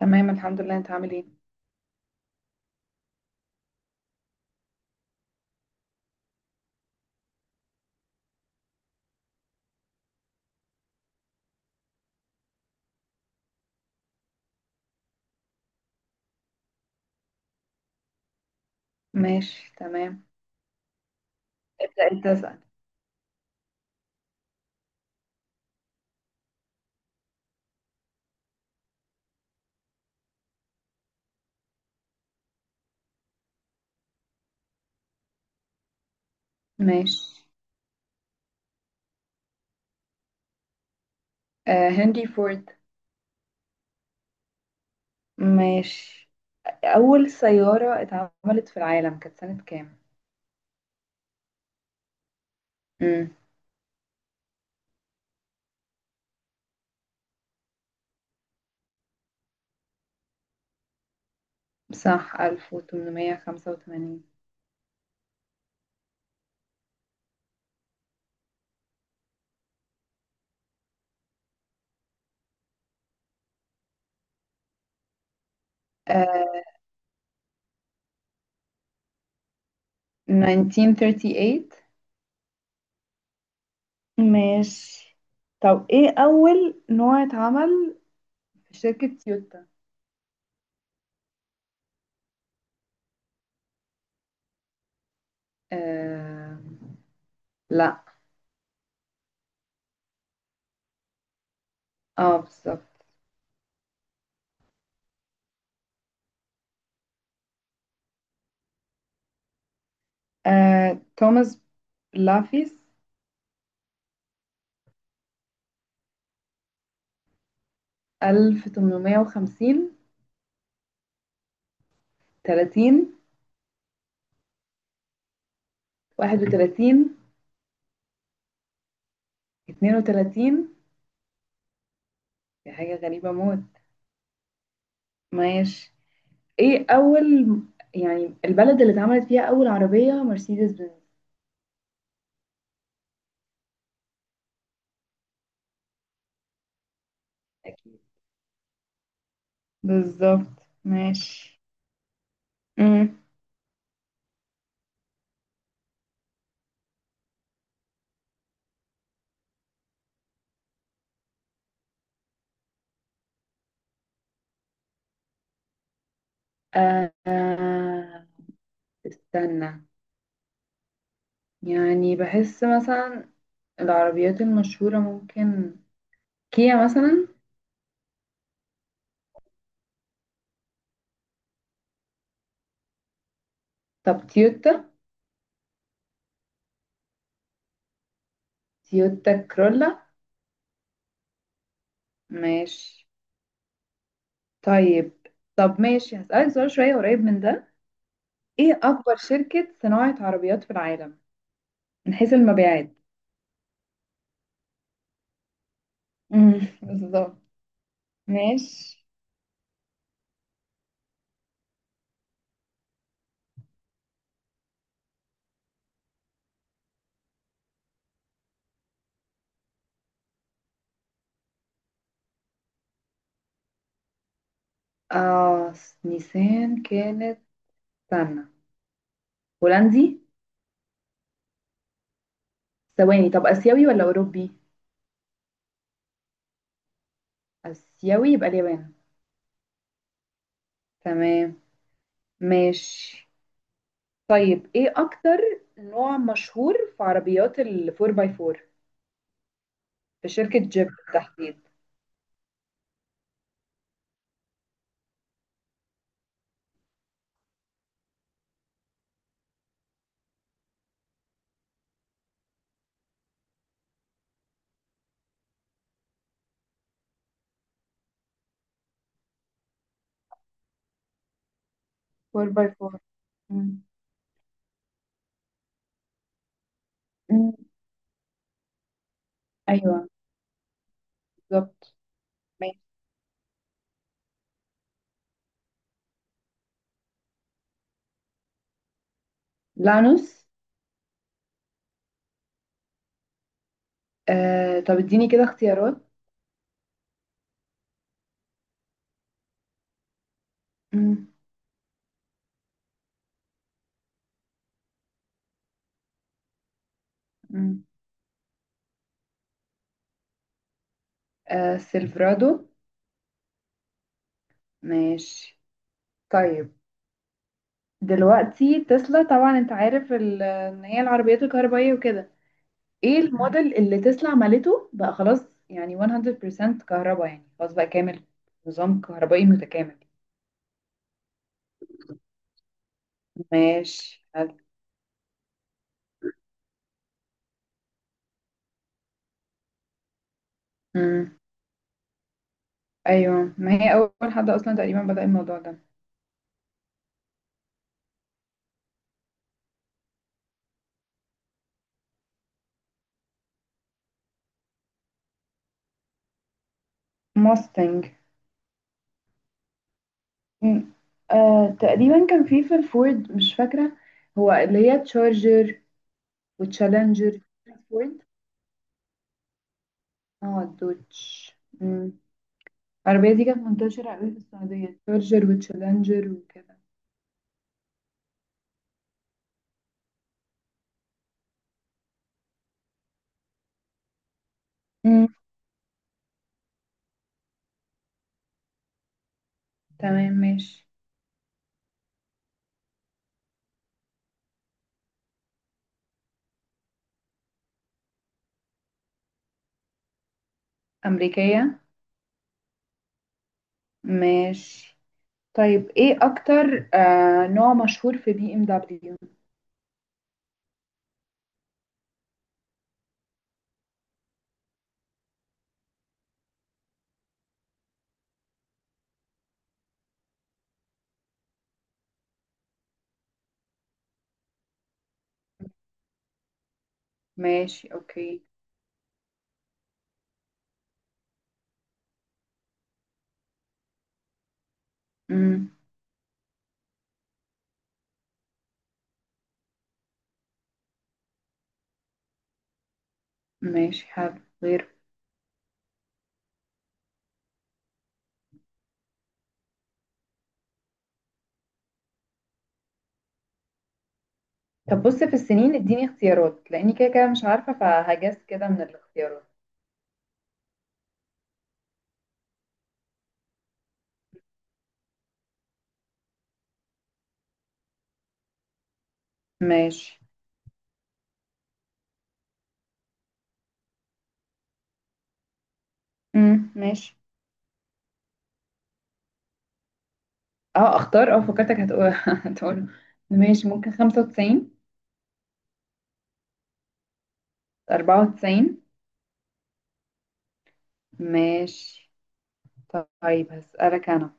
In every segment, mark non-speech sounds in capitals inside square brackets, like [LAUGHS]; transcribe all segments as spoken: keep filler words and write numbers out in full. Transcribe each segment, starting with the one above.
تمام، الحمد لله، انت عامل ايه؟ ماشي، تمام. ابدأ، انت اسأل. ماشي. آه هنري فورد. ماشي. أول سيارة اتعملت في العالم كانت سنة كام؟ امم. صح، ألف تمنمية خمسة وتمانين. آه ألف تسعمية تمنية وتلاتين. ماشي، طب ايه أول نوع اتعمل في شركة تويوتا؟ آه لا. اه، بالظبط. آه توماس لافيس. ألف وثمانمائة وخمسين. تلاتين. واحد وثلاثين. اتنين وتلاتين. دي حاجة غريبة موت. ماشي. ايه اول، يعني البلد اللي اتعملت فيها اول عربية مرسيدس بنز؟ اكيد، بالظبط. ماشي. امم. آه آه، استنى. يعني بحس مثلا العربيات المشهورة، ممكن كيا مثلا. طب تويوتا؟ تويوتا كرولا. ماشي. طيب، طب ماشي، هسألك سؤال شوية قريب من ده. ايه اكبر شركة صناعة عربيات في العالم من حيث المبيعات؟ امم، بالظبط. ماشي. اه س- نيسان كانت، استنى، هولندي. ثواني، طب اسيوي ولا اوروبي؟ اسيوي يبقى اليابان. تمام، ماشي. طيب ايه اكتر نوع مشهور في عربيات ال فور باي فور في شركة جيب بالتحديد؟ أربعة باي أربعة. امم. مم. ايوه، بالظبط. ماشي، لانوس. آه طب اديني كده اختيارات. مم. آه سيلفرادو. ماشي. طيب، دلوقتي تسلا طبعا انت عارف ال- ان هي العربيات الكهربائية وكده. ايه الموديل اللي تسلا عملته بقى خلاص، يعني مئة بالمئة كهرباء، يعني خلاص بقى كامل، نظام كهربائي متكامل. ماشي حلو. مم. ايوه، ما هي اول حد اصلا تقريبا بدأ الموضوع ده. موستنج. مم. آه تقريبا كان في في الفورد، مش فاكرة. هو اللي هي تشارجر وتشالنجر. فورد. اه، الدوتش. مم. العربية دي كانت منتشرة أوي في السعودية، تشارجر وتشالنجر وكده. مم. تمام، ماشي. أمريكية. ماشي، طيب ايه أكتر آه نوع مشهور في بي ام دبليو؟ ماشي، اوكي. مم. ماشي حلو، غير. طب بص، في السنين اديني اختيارات لأني كده كده مش عارفة، فهجس كده من الاختيارات. ماشي. مم. ماشي. اه اختار، اه فكرتك هتقول [LAUGHS] هتقول. ماشي، ممكن خمسة وتسعين. أربعة وتسعين. ماشي، طيب هسألك أنا،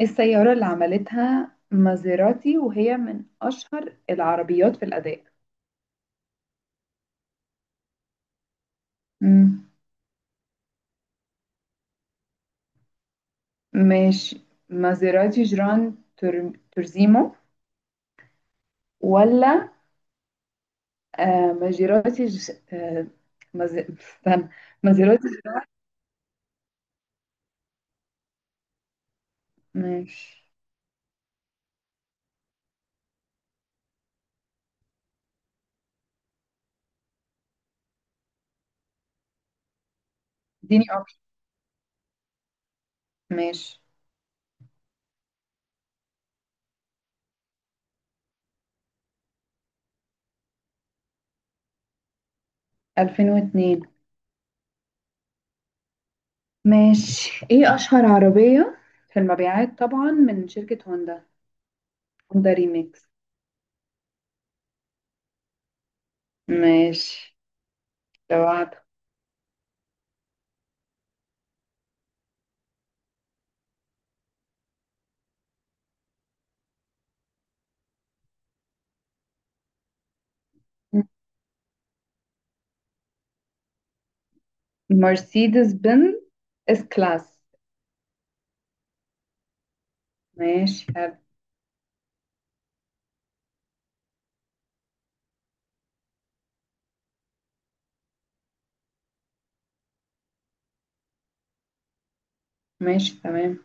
إيه السيارة اللي عملتها مازيراتي وهي من أشهر العربيات في الأداء؟ مم. ماشي. مازيراتي جران تور... تورزيمو، ولا آه مازيراتي ج... آه مز... استنى. مازيراتي. ماشي. اديني أكتر. ماشي. ألفين واثنين. ماشي، إيه أشهر عربية في المبيعات طبعا من شركة هوندا؟ هوندا ريميكس. ماشي، لو. مرسيدس بنز اس كلاس. ماشي حلو. ماشي، تمام.